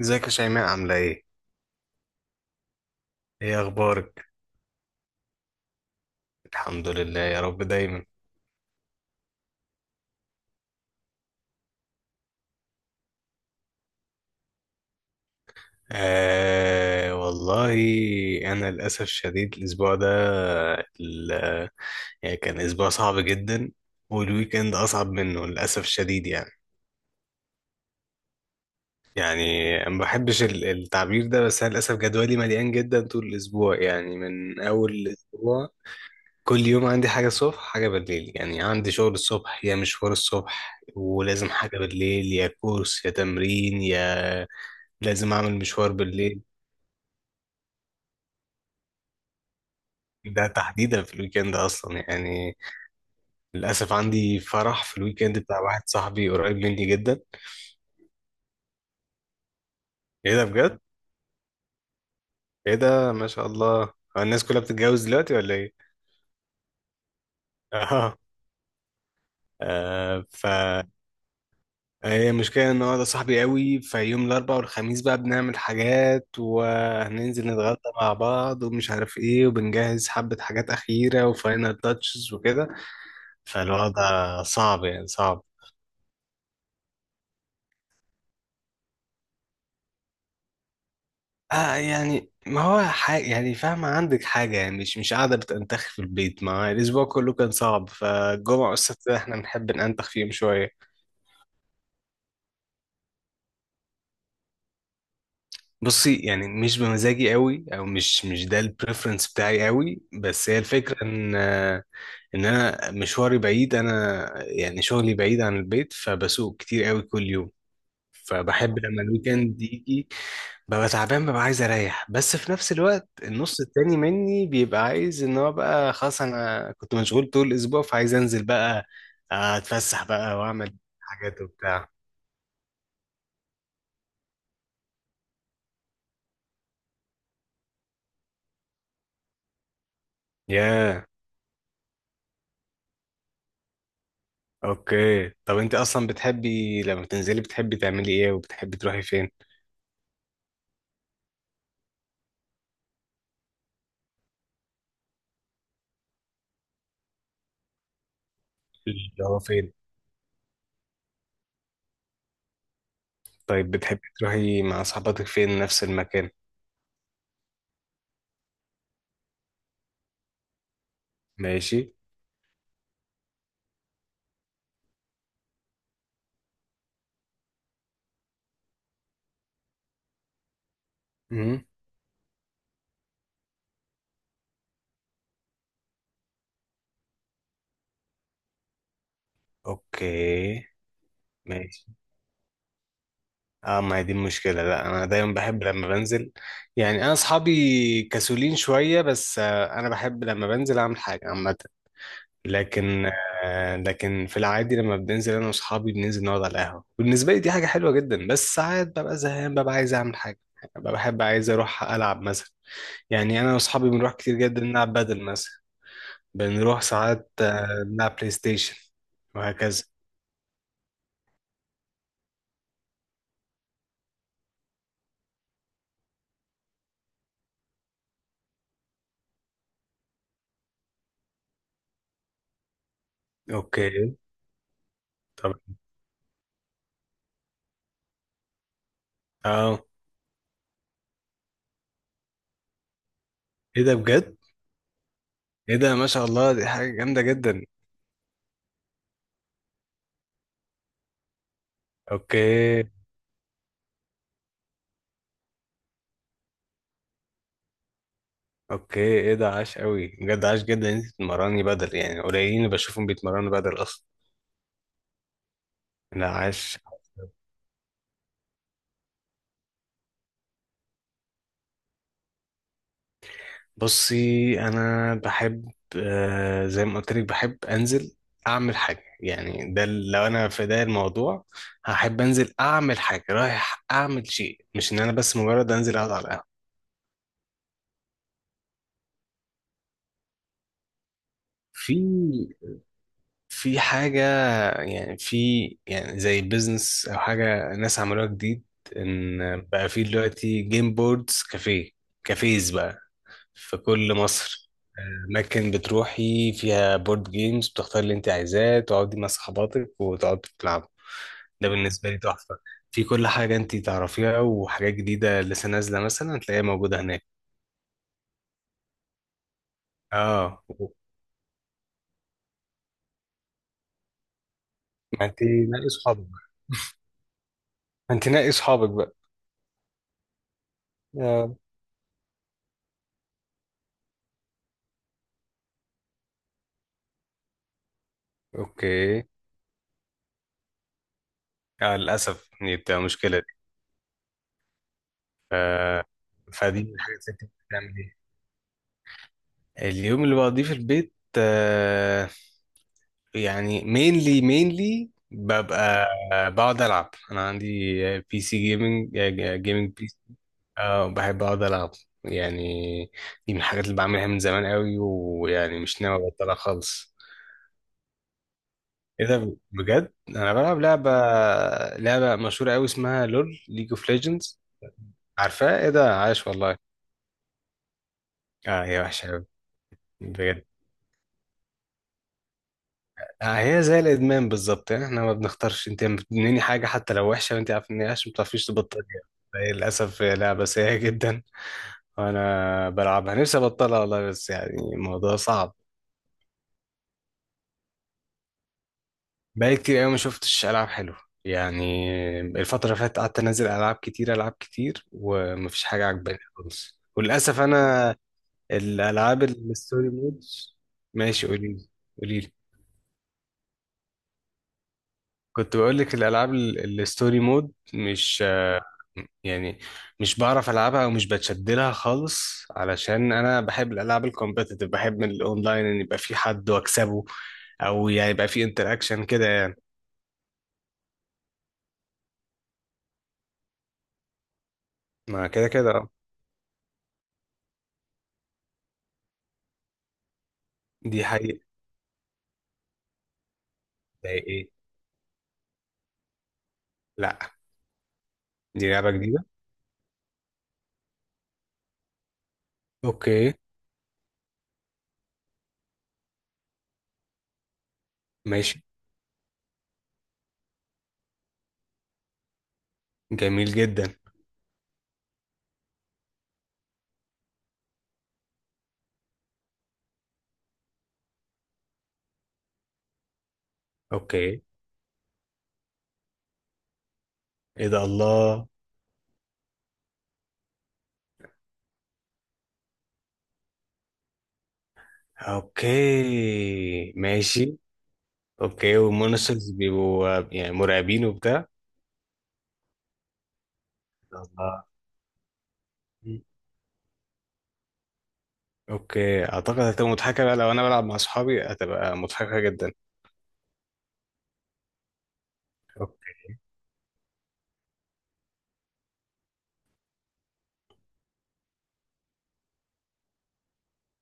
ازيك يا شيماء؟ عاملة ايه؟ ايه اخبارك؟ الحمد لله يا رب دايما. آه والله انا للاسف شديد الاسبوع ده ال- يعني كان اسبوع صعب جدا، والويك اند اصعب منه للاسف الشديد يعني. يعني ما بحبش التعبير ده، بس انا للاسف جدولي مليان جدا طول الاسبوع، يعني من اول الاسبوع كل يوم عندي حاجة الصبح حاجة بالليل، يعني عندي شغل الصبح يا مشوار الصبح ولازم حاجة بالليل يا كورس يا تمرين يا لازم اعمل مشوار بالليل. ده تحديدا في الويكند اصلا يعني، للاسف عندي فرح في الويكند بتاع واحد صاحبي قريب مني جدا. ايه ده بجد؟ ايه ده ما شاء الله، هو الناس كلها بتتجوز دلوقتي ولا ايه؟ اه، آه ف هي المشكله ان هو ده صاحبي قوي، فيوم الاربعاء والخميس بقى بنعمل حاجات وهننزل نتغدى مع بعض ومش عارف ايه، وبنجهز حبه حاجات اخيره وفاينل تاتشز وكده. فالوضع صعب يعني، صعب. آه يعني ما هو حاجة يعني، فاهمة؟ عندك حاجة يعني، مش مش قاعدة بتنتخ في البيت، ما الأسبوع كله كان صعب فالجمعة والسبت ده احنا بنحب ننتخ فيهم شوية. بصي، يعني مش بمزاجي قوي أو مش ده البريفرنس بتاعي قوي، بس هي الفكرة إن إن أنا مشواري بعيد، أنا يعني شغلي بعيد عن البيت فبسوق كتير قوي كل يوم، فبحب لما الويكند يجي ببقى تعبان ببقى عايز اريح، بس في نفس الوقت النص التاني مني بيبقى عايز ان هو بقى خلاص انا كنت مشغول طول الاسبوع فعايز انزل بقى، اتفسح بقى واعمل حاجات وبتاع. ياه، اوكي طب انت اصلا بتحبي لما بتنزلي بتحبي تعملي ايه وبتحبي تروحي فين؟ اللي هو فين؟ طيب بتحبي تروحي مع صحباتك فين، نفس المكان؟ ماشي. امم، اوكي، ماشي. اه ما هي دي المشكلة، لا انا دايما بحب لما بنزل، يعني انا اصحابي كسولين شوية بس انا بحب لما بنزل اعمل حاجة عامة، لكن لكن في العادي لما بننزل انا واصحابي بننزل نقعد على القهوة، بالنسبة لي دي حاجة حلوة جدا، بس ساعات ببقى زهقان ببقى عايز اعمل حاجة، ببقى بحب عايز اروح العب مثلا. يعني انا واصحابي بنروح كتير جدا نلعب بدل مثلا، بنروح ساعات نلعب بلاي ستيشن وهكذا. اوكي طب، اه. ايه ده بجد؟ ايه ده ما شاء الله دي حاجة جامدة جدا. اوكي. اوكي ايه ده عاش قوي بجد، عاش جدا إن انت بتتمرني بدل، يعني قليلين اللي بشوفهم بيتمرنوا بدل اصلا. لا عاش. بصي انا بحب آه زي ما قلت لك بحب انزل اعمل حاجه، يعني ده لو انا في ده الموضوع هحب انزل اعمل حاجه، رايح اعمل شيء مش ان انا بس مجرد انزل اقعد على القهوه. في، في حاجة، يعني في يعني زي البيزنس أو حاجة ناس عملوها جديد، إن بقى في دلوقتي جيم بوردز كافيه، كافيز بقى في كل مصر، أماكن بتروحي فيها بورد جيمز بتختاري اللي أنت عايزاه تقعدي مع صحباتك وتقعدوا تلعبوا. ده بالنسبة لي تحفة، في كل حاجة أنت تعرفيها وحاجات جديدة لسه نازلة مثلا هتلاقيها موجودة هناك. اه ما أنت نقي صحابك بقى، ما أنت نقي صحابك بقى. آه. أوكي. آه للأسف دي بتبقى مشكلة دي. آه، فدي حاجة زي كده بتعمل إيه؟ اليوم اللي بقضيه في البيت آه، يعني مينلي ببقى بقعد ألعب، أنا عندي بي سي جيمنج، جيمنج بي سي. آه بحب أقعد ألعب، يعني دي من الحاجات اللي بعملها من زمان قوي ويعني مش ناوي أبطلها خالص. إيه ده بجد؟ أنا بلعب لعبة، لعبة مشهورة قوي اسمها لول، ليج اوف ليجندز. عارفاها؟ إيه ده عايش والله. اه هي وحشة. بجد، هي زي الادمان بالظبط، يعني احنا ما بنختارش، انت بتدمني حاجه حتى لو وحشه وانت عارف ان هي وحشه ما بتعرفيش تبطليها، فهي للاسف هي لعبه سيئه جدا، وانا بلعبها نفسي ابطلها والله بس يعني الموضوع صعب. بقالي كتير قوي ما شفتش العاب حلوه يعني، الفتره اللي فاتت قعدت انزل العاب كتير، العاب كتير، ومفيش حاجه عجباني خالص، وللاسف انا الالعاب الستوري مودز. ماشي قولي لي، قولي لي. كنت بقول لك الالعاب الستوري مود مش يعني مش بعرف العبها او مش بتشد لها خالص، علشان انا بحب الالعاب الكومبتيتيف، بحب من الاونلاين ان يبقى في حد واكسبه، او يعني يبقى في انتراكشن كده يعني. ما كده كده آه. دي حقيقة. زي ايه؟ لا، دي لعبة جديدة. اوكي ماشي، جميل جدا. اوكي ايه ده الله. اوكي ماشي. اوكي والمونسترز بيبقوا يعني مرعبين وبتاع. الله. اوكي اعتقد هتبقى مضحكه بقى، لو انا بلعب مع اصحابي هتبقى مضحكه جدا. اوكي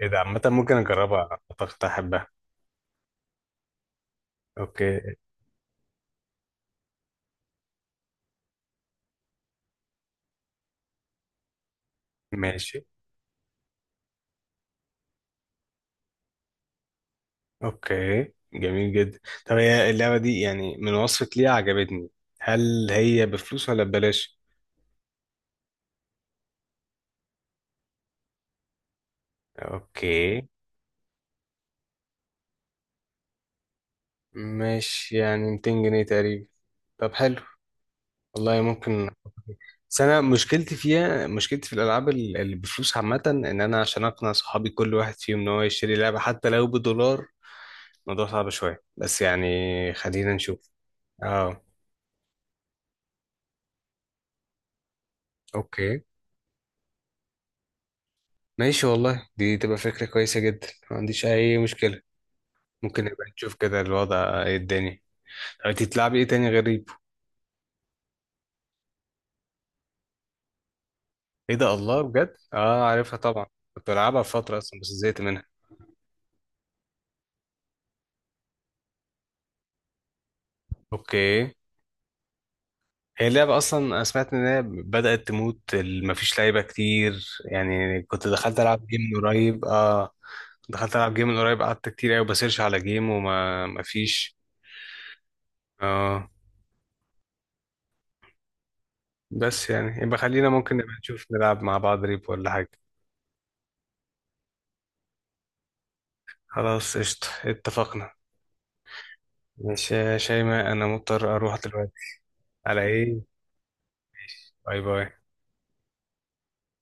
ايه ده، عامه ممكن اجربها اعتقد هحبها. اوكي ماشي. اوكي جميل جدا، طب هي اللعبه دي يعني من وصفك ليها عجبتني، هل هي بفلوس ولا ببلاش؟ اوكي، مش يعني 200 جنيه تقريبا؟ طب حلو، والله ممكن. بس انا مشكلتي فيها، مشكلتي في الالعاب اللي بفلوس عامه، ان انا عشان اقنع صحابي كل واحد فيهم ان هو يشتري لعبه حتى لو بدولار الموضوع صعب شوية، بس يعني خلينا نشوف. اه. اوكي ماشي والله، دي تبقى فكرة كويسة جدا، ما عنديش أي مشكلة، ممكن نبقى نشوف كده الوضع ايه الدنيا. طب انتي بتلعبي ايه تاني غير ريبو؟ ايه ده الله بجد، اه عارفها طبعا. كنت بلعبها في فترة اصلا بس زهقت منها. اوكي. هي اللعبة أصلا أنا سمعت إن هي بدأت تموت مفيش لعيبة كتير، يعني كنت دخلت ألعب جيم من قريب اه، دخلت ألعب جيم من قريب قعدت كتير أوي بسيرش على جيم وما مفيش. اه. بس يعني يبقى خلينا ممكن نبقى نشوف نلعب مع بعض ريب ولا حاجة. خلاص قشطة، اتفقنا. ماشي يا شيماء، أنا مضطر أروح دلوقتي. على إيه؟ باي باي.